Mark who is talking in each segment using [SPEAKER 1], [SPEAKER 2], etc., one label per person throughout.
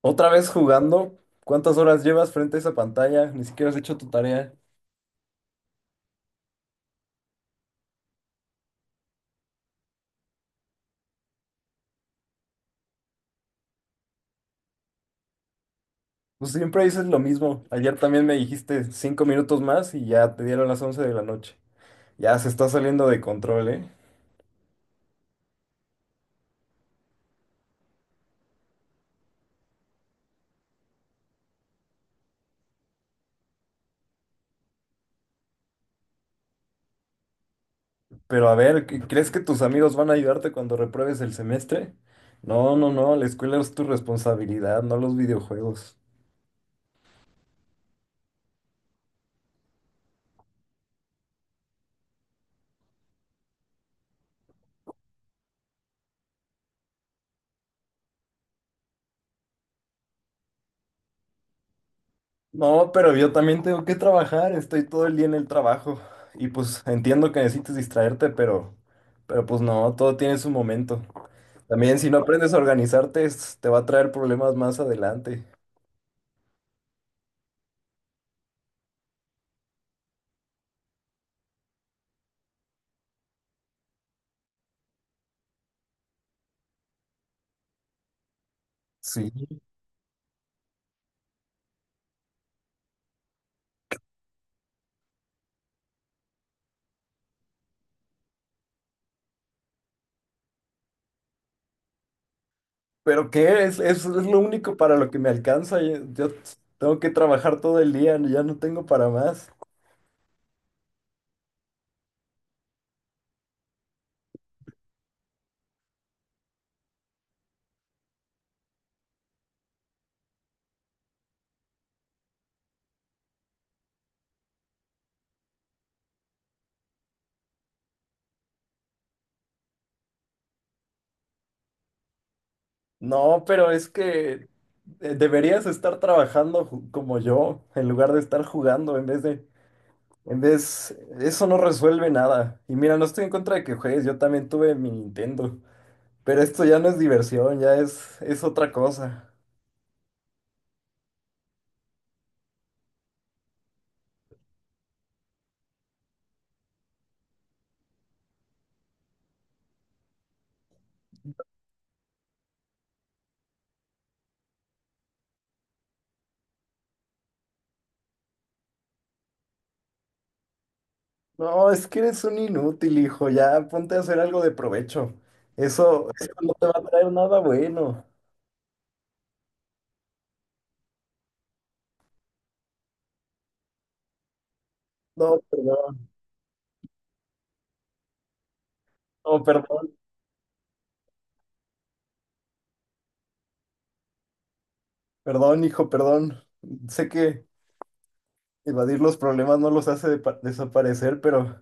[SPEAKER 1] Otra vez jugando. ¿Cuántas horas llevas frente a esa pantalla? Ni siquiera has hecho tu tarea. Pues siempre dices lo mismo. Ayer también me dijiste 5 minutos más y ya te dieron las 11 de la noche. Ya se está saliendo de control, ¿eh? Pero a ver, ¿crees que tus amigos van a ayudarte cuando repruebes el semestre? No, no, no, la escuela es tu responsabilidad, no los videojuegos. No, pero yo también tengo que trabajar, estoy todo el día en el trabajo. Y pues entiendo que necesites distraerte, pero pues no, todo tiene su momento. También si no aprendes a organizarte, te va a traer problemas más adelante. Sí. ¿Pero qué? Es lo único para lo que me alcanza. Yo tengo que trabajar todo el día, ya no tengo para más. No, pero es que deberías estar trabajando como yo, en lugar de estar jugando, en vez, eso no resuelve nada. Y mira, no estoy en contra de que juegues, yo también tuve mi Nintendo, pero esto ya no es diversión, ya es otra cosa. No, es que eres un inútil, hijo. Ya ponte a hacer algo de provecho. Eso no te va a traer nada bueno. No, perdón. No, perdón. Perdón, hijo, perdón. Sé que evadir los problemas no los hace desaparecer, pero,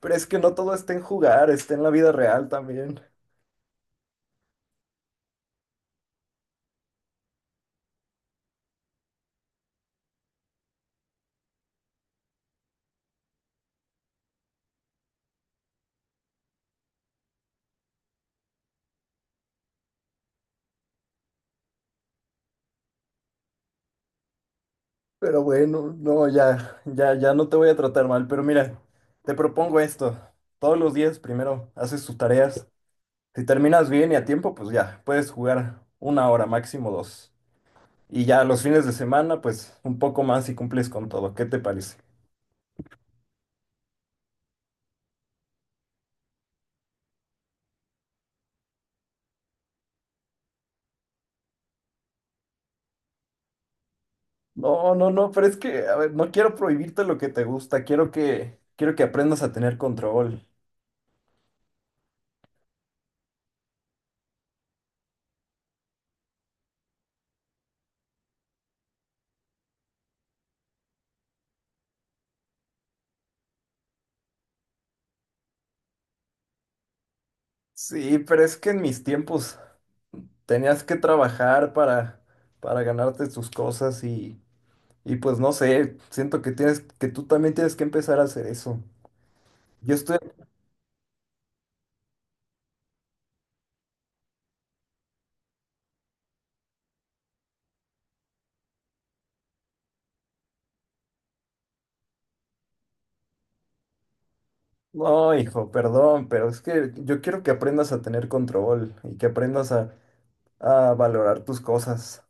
[SPEAKER 1] pero es que no todo está en jugar, está en la vida real también. Pero bueno, no, ya no te voy a tratar mal. Pero mira, te propongo esto. Todos los días primero haces tus tareas. Si terminas bien y a tiempo, pues ya, puedes jugar una hora, máximo dos. Y ya los fines de semana, pues un poco más y cumples con todo. ¿Qué te parece? No, no, no, pero es que, a ver, no quiero prohibirte lo que te gusta, quiero que aprendas a tener control. Sí, pero es que en mis tiempos tenías que trabajar para ganarte tus cosas y pues no sé, siento que que tú también tienes que empezar a hacer eso. Yo estoy, no, hijo, perdón, pero es que yo quiero que aprendas a tener control y que aprendas a valorar tus cosas.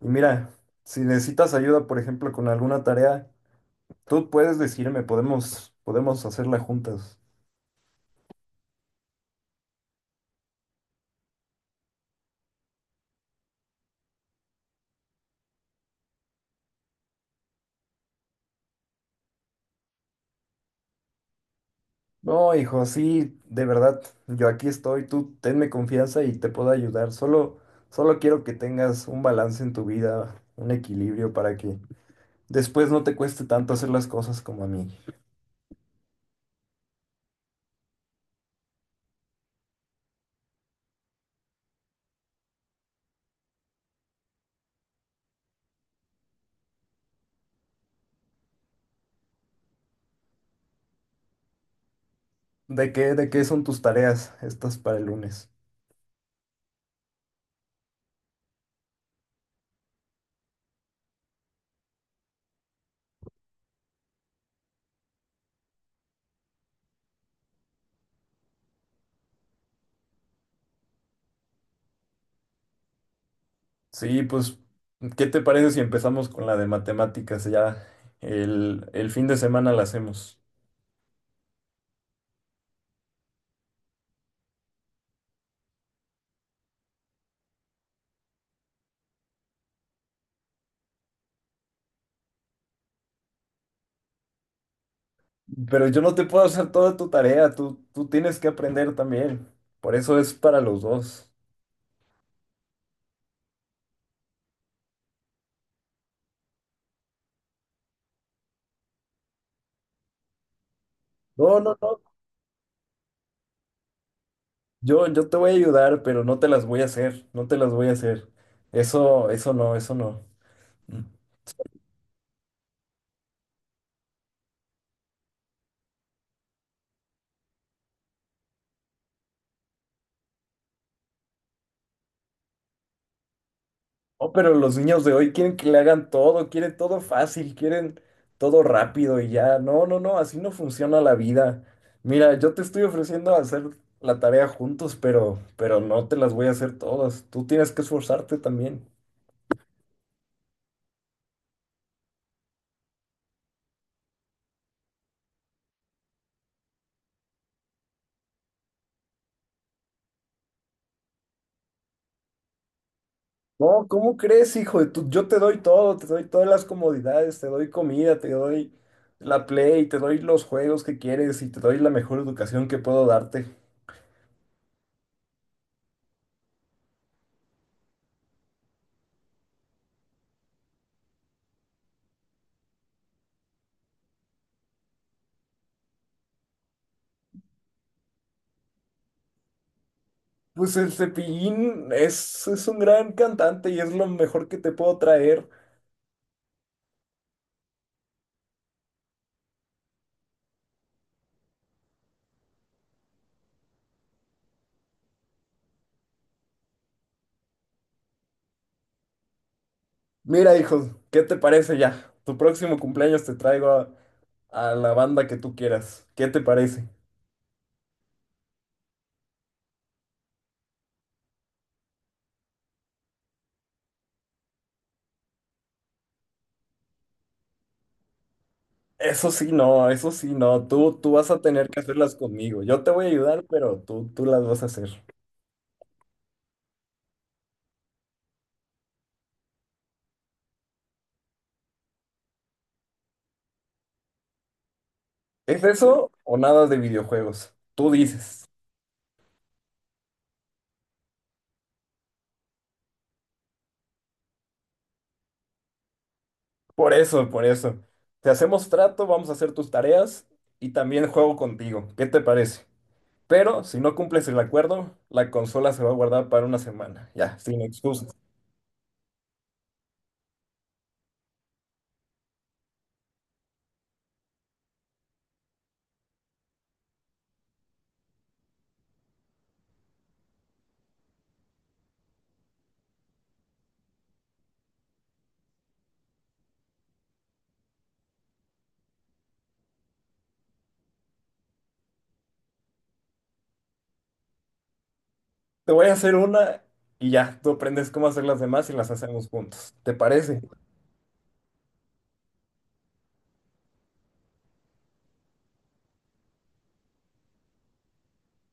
[SPEAKER 1] Y mira, si necesitas ayuda, por ejemplo, con alguna tarea, tú puedes decirme, podemos hacerla juntas. No, hijo, sí, de verdad, yo aquí estoy, tú tenme confianza y te puedo ayudar. Solo quiero que tengas un balance en tu vida, un equilibrio para que después no te cueste tanto hacer las cosas como a mí. ¿De qué son tus tareas estas para el lunes? Sí, pues, ¿qué te parece si empezamos con la de matemáticas? Ya el fin de semana la hacemos. Pero yo no te puedo hacer toda tu tarea, tú tienes que aprender también. Por eso es para los dos. No, no, no. Yo te voy a ayudar, pero no te las voy a hacer, no te las voy a hacer. Eso no, eso no. Mm. Oh, pero los niños de hoy quieren que le hagan todo, quieren todo fácil, quieren todo rápido y ya. No, no, no, así no funciona la vida. Mira, yo te estoy ofreciendo hacer la tarea juntos, pero no te las voy a hacer todas. Tú tienes que esforzarte también. No, ¿cómo crees, hijo de tu- Yo te doy todo, te doy todas las comodidades, te doy comida, te doy la Play, te doy los juegos que quieres y te doy la mejor educación que puedo darte. Pues el Cepillín es un gran cantante y es lo mejor que te puedo traer. Mira, hijo, ¿qué te parece ya? Tu próximo cumpleaños te traigo a la banda que tú quieras. ¿Qué te parece? Eso sí, no, eso sí, no. Tú vas a tener que hacerlas conmigo. Yo te voy a ayudar, pero tú las vas a hacer. ¿Es eso o nada de videojuegos? Tú dices. Por eso, por eso. Te hacemos trato, vamos a hacer tus tareas y también juego contigo. ¿Qué te parece? Pero si no cumples el acuerdo, la consola se va a guardar para una semana. Ya, sin excusas. Te voy a hacer una y ya, tú aprendes cómo hacer las demás y las hacemos juntos. ¿Te parece?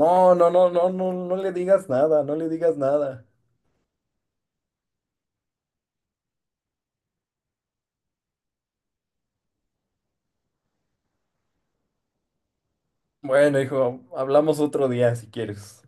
[SPEAKER 1] No, no, no, no, no, no le digas nada, no le digas nada. Bueno, hijo, hablamos otro día si quieres.